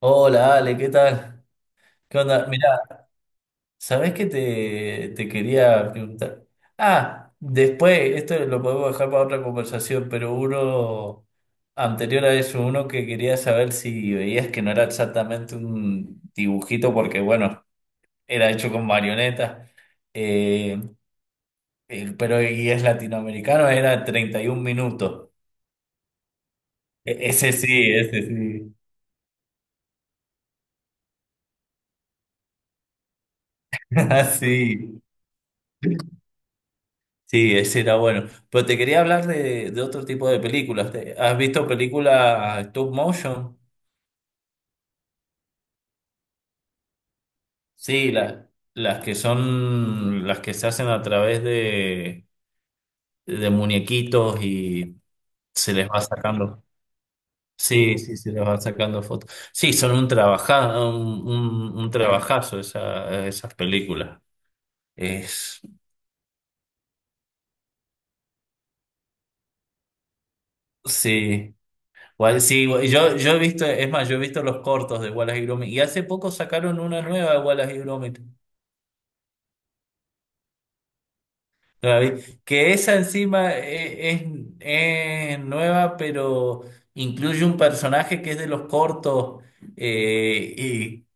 Hola Ale, ¿qué tal? ¿Qué onda? Mirá, ¿sabés qué te quería preguntar? Ah, después, esto lo podemos dejar para otra conversación, pero uno anterior a eso, uno que quería saber si veías que no era exactamente un dibujito, porque bueno, era hecho con marionetas, eh, pero y es latinoamericano, era 31 minutos. Ese sí, ese sí. Sí. Sí, ese era bueno. Pero te quería hablar de otro tipo de películas. ¿Has visto películas stop motion? Sí, las que son, las que se hacen a través de muñequitos y se les va sacando. Sí, sí, se les va sacando fotos. Sí, son un trabajazo esas películas. Es, sí. Sí, yo he visto, es más, yo he visto los cortos de Wallace y Gromit. Y hace poco sacaron una nueva de Wallace y Gromit. David, que esa encima es nueva, pero incluye un personaje que es de los cortos, y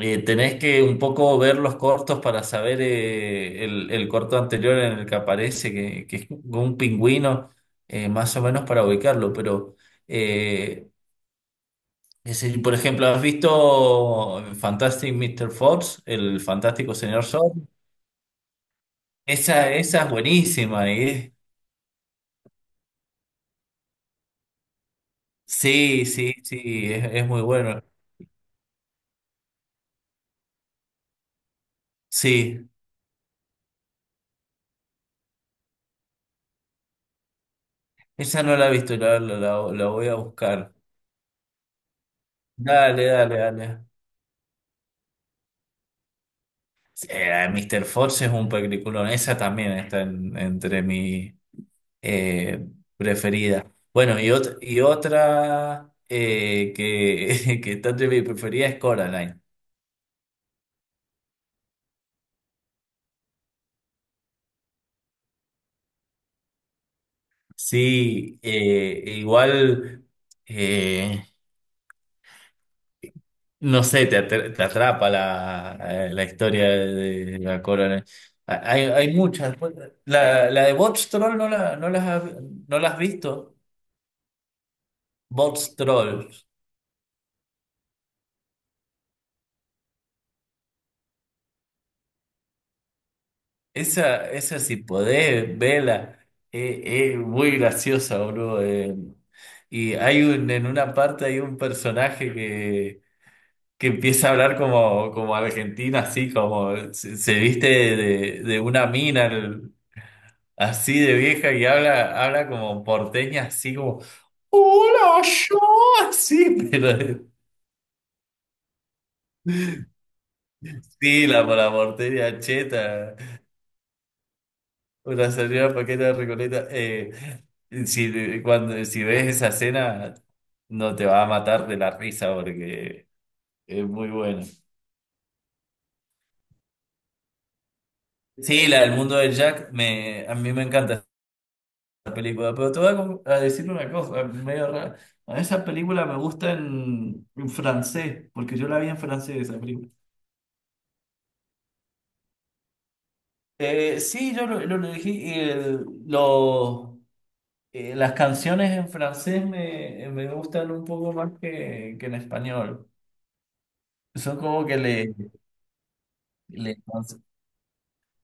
tenés que un poco ver los cortos para saber el corto anterior en el que aparece, que es un pingüino, más o menos para ubicarlo. Pero eh, por ejemplo, ¿has visto Fantastic Mister Fox, el fantástico señor Fox? Esa es buenísima. Sí, sí, sí, es muy bueno. Sí, esa no la he visto, la voy a buscar. Dale, dale, dale. Sí, Mr. Force es un peliculón, esa también está entre mi eh, preferida. Bueno, y otra, que está entre mi preferida es Coraline. Sí, igual. eh, No sé, te atrapa la historia de la corona. Hay muchas. Pues la de Bots Troll no la, no las, ha- no la has visto. Bots Troll. Esa si podés, vela. Es muy graciosa, boludo. Y hay en una parte hay un personaje que empieza a hablar como argentino, así como se viste de una mina. Así de vieja y habla como porteña, así como, hola, yo, así, pero sí, la porteña cheta, una señora paqueta de Recoleta. Si, cuando, si ves esa escena, no te va a matar de la risa porque es muy buena. Sí, la del mundo de Jack, a mí me encanta esa película, pero te voy a decir una cosa, medio rara. A esa película me gusta en francés, porque yo la vi en francés, esa película. Sí, yo lo elegí. Lo- las canciones en francés me gustan un poco más que en español. Son como que le. Le,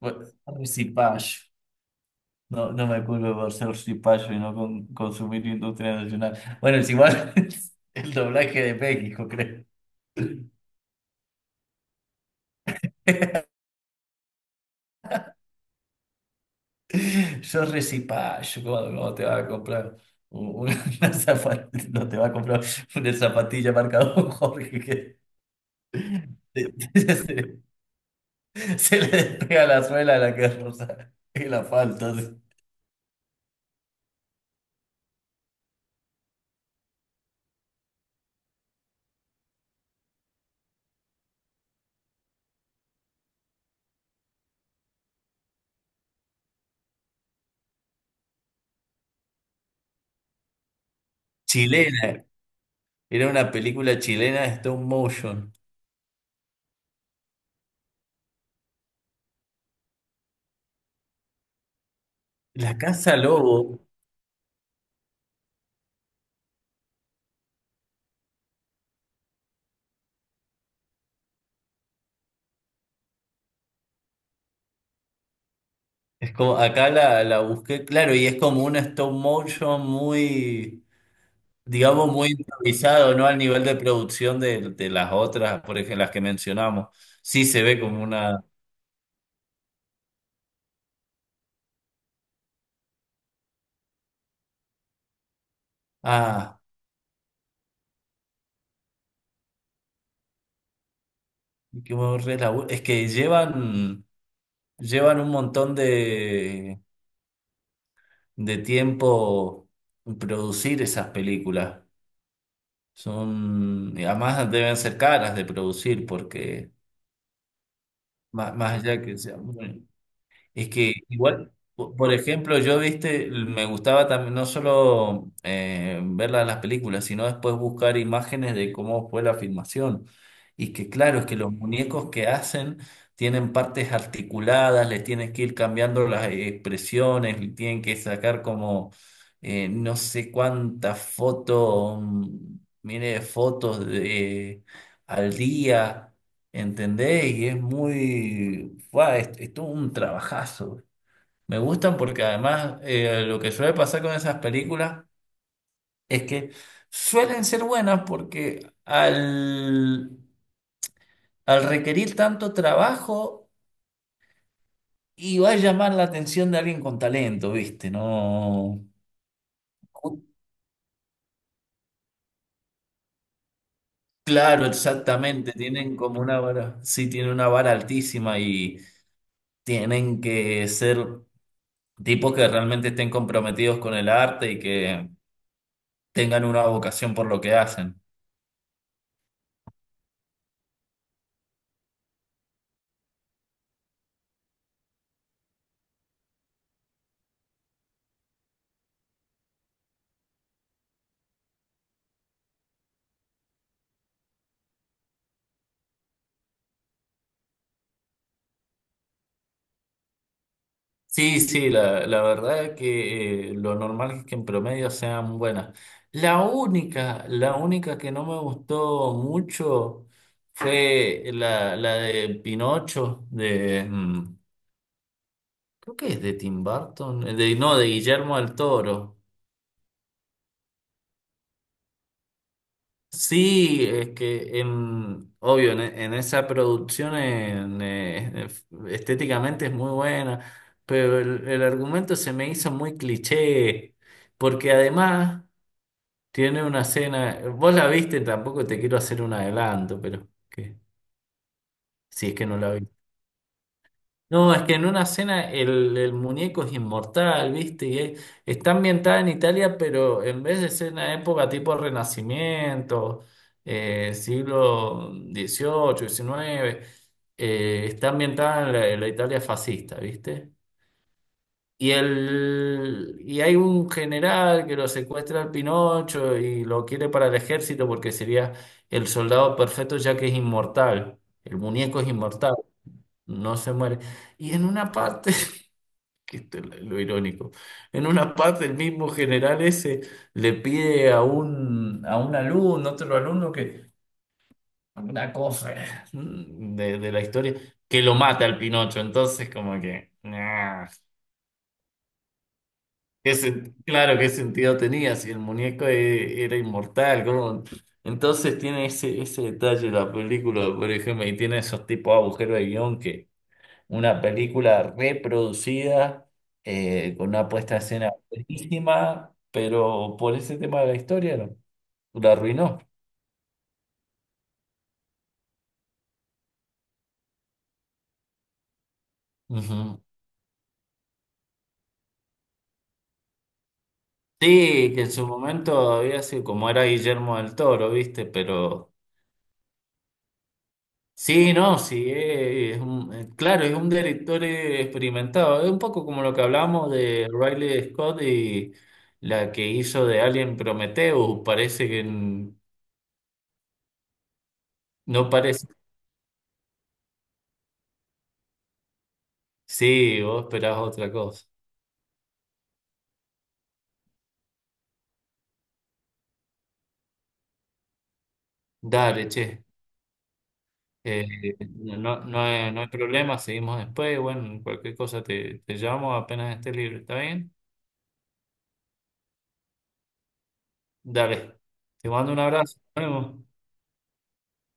bueno, reciclaje. No, no me culpo por ser cipayo y no consumir industria nacional. Bueno, es igual el doblaje de México, creo. Yo recipayo, ¿cómo te va a comprar un- una zapatilla? No te va a comprar una zapatilla marca Don Jorge. Se, le despega la suela a la que rosa. Y la falta. Sí. Chilena. Era una película chilena de stop motion. La Casa Lobo. Es como, acá la busqué, claro, y es como un stop motion muy, digamos, muy improvisado, ¿no? Al nivel de producción de las otras, por ejemplo, las que mencionamos. Sí se ve como una. Ah, es que llevan un montón de tiempo producir esas películas. Y además deben ser caras de producir porque más allá que sea, bueno, es que igual, por ejemplo, yo, viste, me gustaba también no solo, ver las películas, sino después buscar imágenes de cómo fue la filmación. Y que claro, es que los muñecos que hacen tienen partes articuladas, les tienes que ir cambiando las expresiones, le tienen que sacar como no sé cuántas fotos, mire, fotos de, al día. ¿Entendés? Y es muy. ¡Fua! Es todo un trabajazo. Me gustan porque además, lo que suele pasar con esas películas es que suelen ser buenas porque al requerir tanto trabajo y va a llamar la atención de alguien con talento, ¿viste? No. Claro, exactamente. Tienen como una vara, sí, tienen una vara altísima y tienen que ser tipos que realmente estén comprometidos con el arte y que tengan una vocación por lo que hacen. Sí, sí, la verdad es que, lo normal es que en promedio sean buenas. La única que no me gustó mucho fue la de Pinocho, creo que es de Tim Burton, no, de Guillermo del Toro. Sí, es que en, obvio, en esa producción, estéticamente es muy buena, pero el argumento se me hizo muy cliché, porque además tiene una escena, vos la viste, tampoco te quiero hacer un adelanto, pero que, si es que no la viste. No, es que en una escena el muñeco es inmortal, ¿viste? Y está ambientada en Italia, pero en vez de ser una época tipo Renacimiento, siglo XVIII, XIX, está ambientada en la Italia fascista, ¿viste? Y hay un general que lo secuestra al Pinocho y lo quiere para el ejército porque sería el soldado perfecto ya que es inmortal, el muñeco es inmortal, no se muere. Y en una parte que esto es lo irónico. En una parte el mismo general ese le pide a un alumno, otro alumno que, una cosa, de la historia, que lo mata al Pinocho. Entonces como que, nah, claro, ¿qué sentido tenía si el muñeco era inmortal? ¿Cómo? Entonces tiene ese detalle la película, por ejemplo, y tiene esos tipos de agujeros de guión. Una película reproducida, con una puesta en escena buenísima, pero por ese tema de la historia no, la arruinó. Ujú. Sí, que en su momento había sido como era Guillermo del Toro, ¿viste? Pero sí, no, sí, claro, es un director, experimentado. Es un poco como lo que hablamos de Riley Scott y la que hizo de Alien Prometheus. Parece que no. Parece. Sí, vos esperás otra cosa. Dale, che. Eh, no, no hay problema, seguimos después. Bueno, cualquier cosa te llamo apenas esté libre, ¿está bien? Dale, te mando un abrazo. Nos vemos.